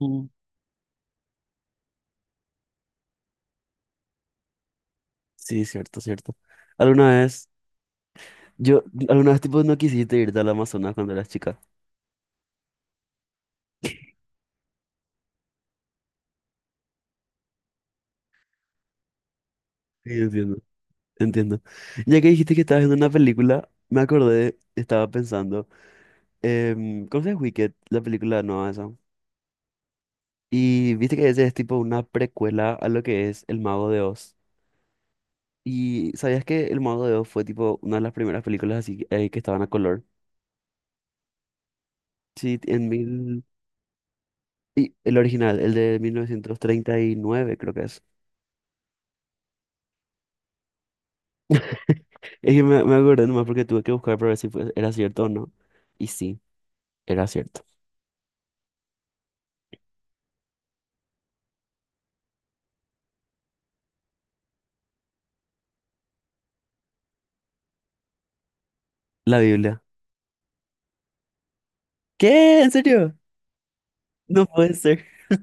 Mm. Sí, cierto, cierto. Alguna vez, yo, alguna vez tipo no quisiste irte al Amazonas cuando eras chica. Sí, entiendo. Entiendo. Ya que dijiste que estabas viendo una película, me acordé, estaba pensando, ¿conoces Wicked, la película nueva esa? Y viste que ese es tipo una precuela a lo que es El Mago de Oz. ¿Y sabías que El Mago de Oz fue tipo una de las primeras películas así que estaban a color? Sí, en mil... Y el original, el de 1939 creo que es. Es que me acordé nomás porque tuve que buscar para ver si era cierto o no. Y sí, era cierto. La Biblia. ¿Qué? ¿En serio? No puede ser.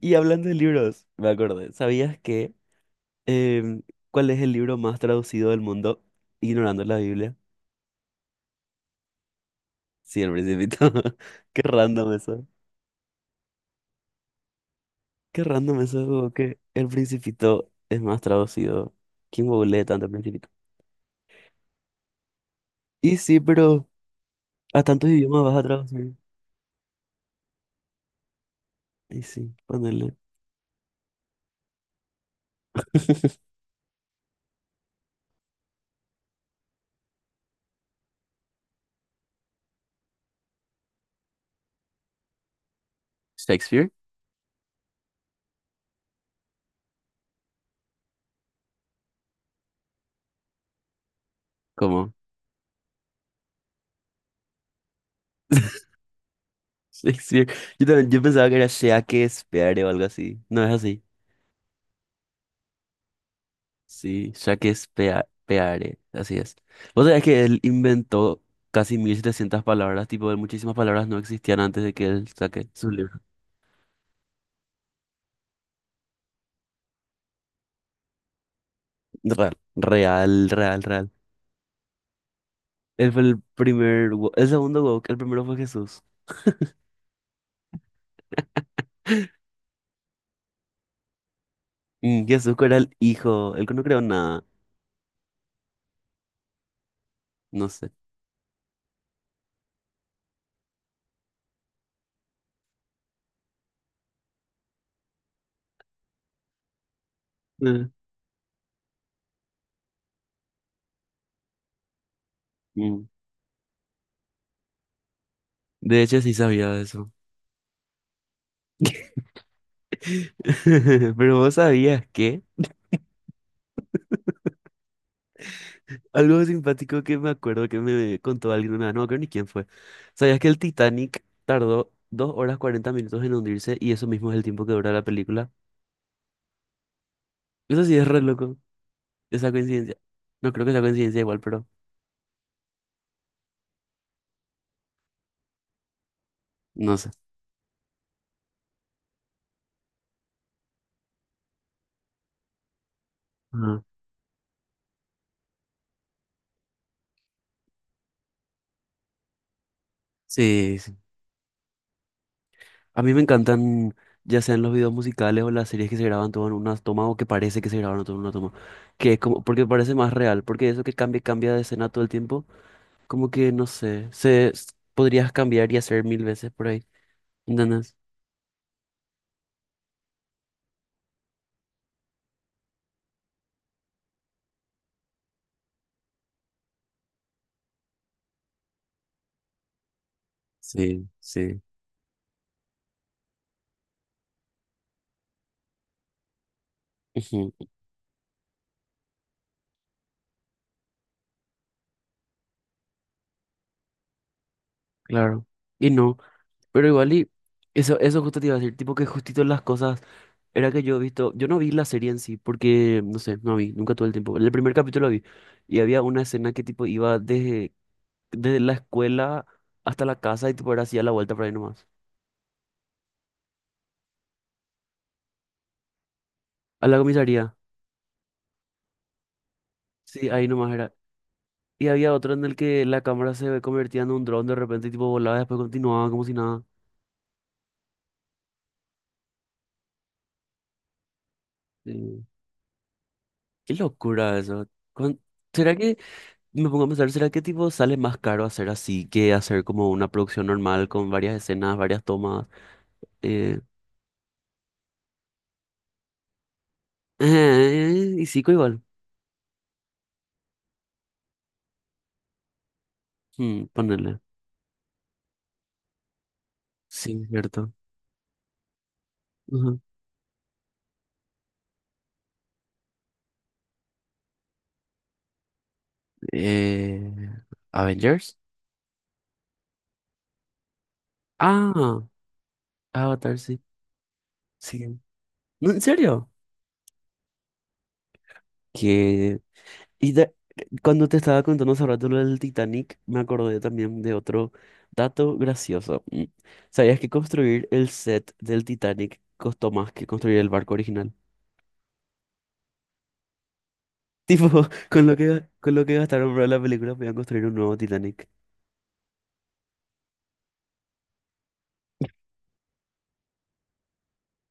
Y hablando de libros, me acordé. ¿Sabías que em, cuál es el libro más traducido del mundo? Ignorando la Biblia. Sí, el Principito. Qué random eso. Qué random eso, como que el Principito es más traducido. ¿Quién googlea tanto el Principito? Y sí, pero a tantos idiomas vas a traducir. Y sí, ponele. ¿Shakespeare? ¿Cómo? Shakespeare. Yo también, yo pensaba que era Shakespeare o algo así. No es así. Sí, Shakespeare, así es. Vos sabés que él inventó casi 1700 palabras, tipo, de muchísimas palabras no existían antes de que él saque su libro. Real, real, real, real. Él fue el primer, el segundo woke, el primero fue Jesús. Mm, Jesús era el hijo, él no creó nada, no sé. Eh, mm. De hecho, sí sabía de eso. Pero vos sabías que... Algo simpático que me acuerdo que me contó alguien una vez, no me acuerdo ni quién fue. ¿Sabías que el Titanic tardó 2 horas 40 minutos en hundirse y eso mismo es el tiempo que dura la película? Eso sí es re loco, esa coincidencia. No creo que sea coincidencia igual, pero no sé. Ajá. Sí, sí. A mí me encantan, ya sean los videos musicales o las series que se graban todo en una toma o que parece que se grabaron todo en una toma. Que es como, porque parece más real, porque eso que cambia, cambia de escena todo el tiempo, como que no sé, podrías cambiar y hacer mil veces por ahí. Nanas. Sí, sí. Ujú, claro. Y no, pero igual y eso justo te iba a decir, tipo que justito las cosas, era que yo he visto, yo no vi la serie en sí, porque, no sé, no vi, nunca tuve el tiempo. El primer capítulo vi, y había una escena que tipo iba desde la escuela hasta la casa y tipo era así a la vuelta por ahí nomás. A la comisaría, sí, ahí nomás era. Y había otro en el que la cámara se convertía en un dron de repente y tipo volaba y después continuaba como si nada. Sí. Qué locura eso. ¿Cuán- ¿Será que Me pongo a pensar, ¿será que tipo sale más caro hacer así que hacer como una producción normal con varias escenas, varias tomas? Eh, y sí, igual. Hmm, ponerle. Sí, cierto. Ujú. Eh, Avengers. Ah, Avatar, sí. Sí. No, ¿en serio? Que... Y de- cuando te estaba contando hace rato lo del Titanic, me acordé también de otro dato gracioso. Mm. ¿Sabías que construir el set del Titanic costó más que construir el barco original? Tipo, con lo con lo que gastaron para la película, podían construir un nuevo Titanic.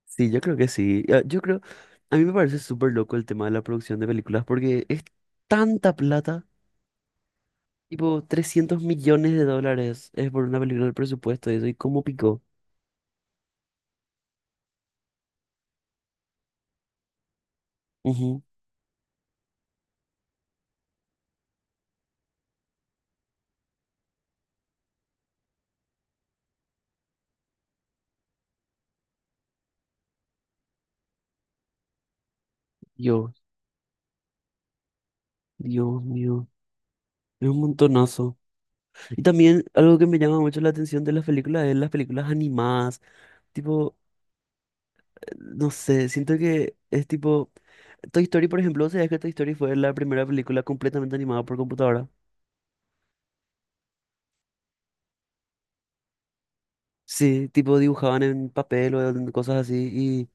Sí, yo creo que sí. Ah, yo creo, a mí me parece súper loco el tema de la producción de películas porque es tanta plata, tipo $300 millones es por una película del presupuesto de eso, y cómo picó. Ujú, Dios, Dios mío, es un montonazo. Y también algo que me llama mucho la atención de las películas es las películas animadas. Tipo, no sé, siento que es tipo... Toy Story, por ejemplo, ¿sabías que Toy Story fue la primera película completamente animada por computadora? Sí, tipo dibujaban en papel o en cosas así. Y,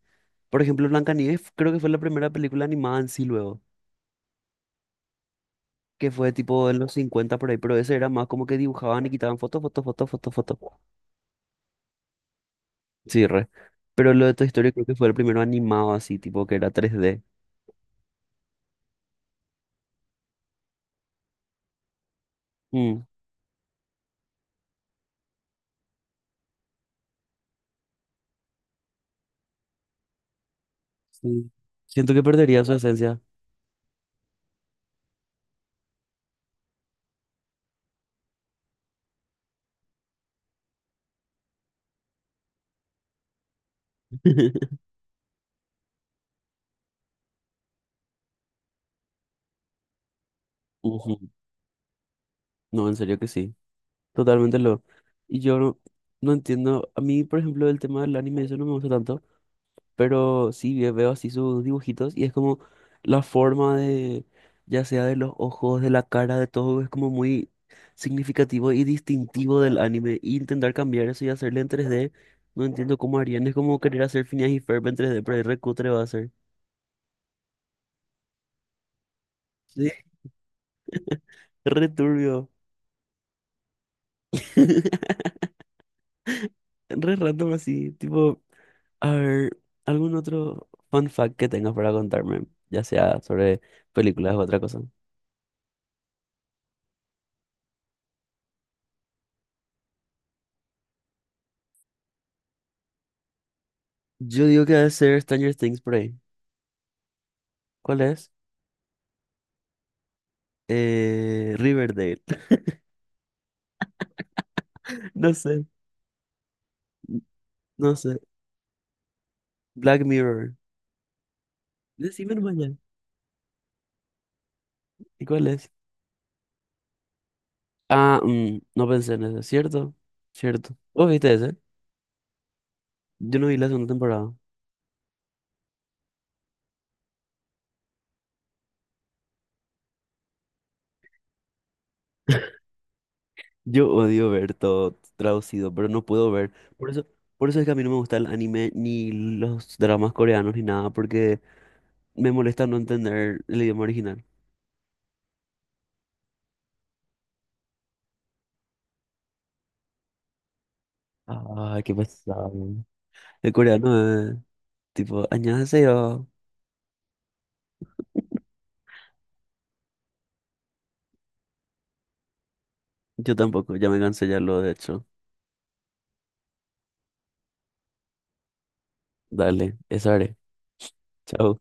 por ejemplo, Blancanieves creo que fue la primera película animada en sí luego, que fue tipo en los 50 por ahí, pero ese era más como que dibujaban y quitaban fotos, fotos, fotos, fotos, fotos. Sí, re. Pero lo de Toy Story creo que fue el primero animado así, tipo que era 3D. Mm, sí. Siento que perdería su esencia. Ujú. No, en serio que sí. Totalmente lo. Y yo no, no entiendo. A mí, por ejemplo, el tema del anime, eso no me gusta tanto. Pero sí veo así sus dibujitos y es como la forma de, ya sea de los ojos, de la cara, de todo, es como muy significativo y distintivo del anime. Y intentar cambiar eso y hacerle en tres d no entiendo cómo harían. Es como querer hacer Phineas y Ferb en tres d pero ahí recutre va a ser. Sí. Re turbio. Re random así, tipo, a ver, algún otro fun fact que tengas para contarme, ya sea sobre películas o otra cosa. Yo digo que debe ser Stranger Things por ahí. ¿Cuál es? Riverdale. No sé, no sé. Black Mirror. Decime mañana. ¿Y cuál es? Ah, mm, no pensé en eso. ¿Cierto? ¿Cierto? ¿Vos viste ese? Yo no vi la segunda temporada. Yo odio ver todo traducido, pero no puedo ver. Por eso, por eso es que a mí no me gusta el anime ni los dramas coreanos ni nada, porque me molesta no entender el idioma original. Ay, qué pesado. El coreano es tipo, yo Yo tampoco, ya me cansé ya lo de hecho. Dale, eso haré. Chao.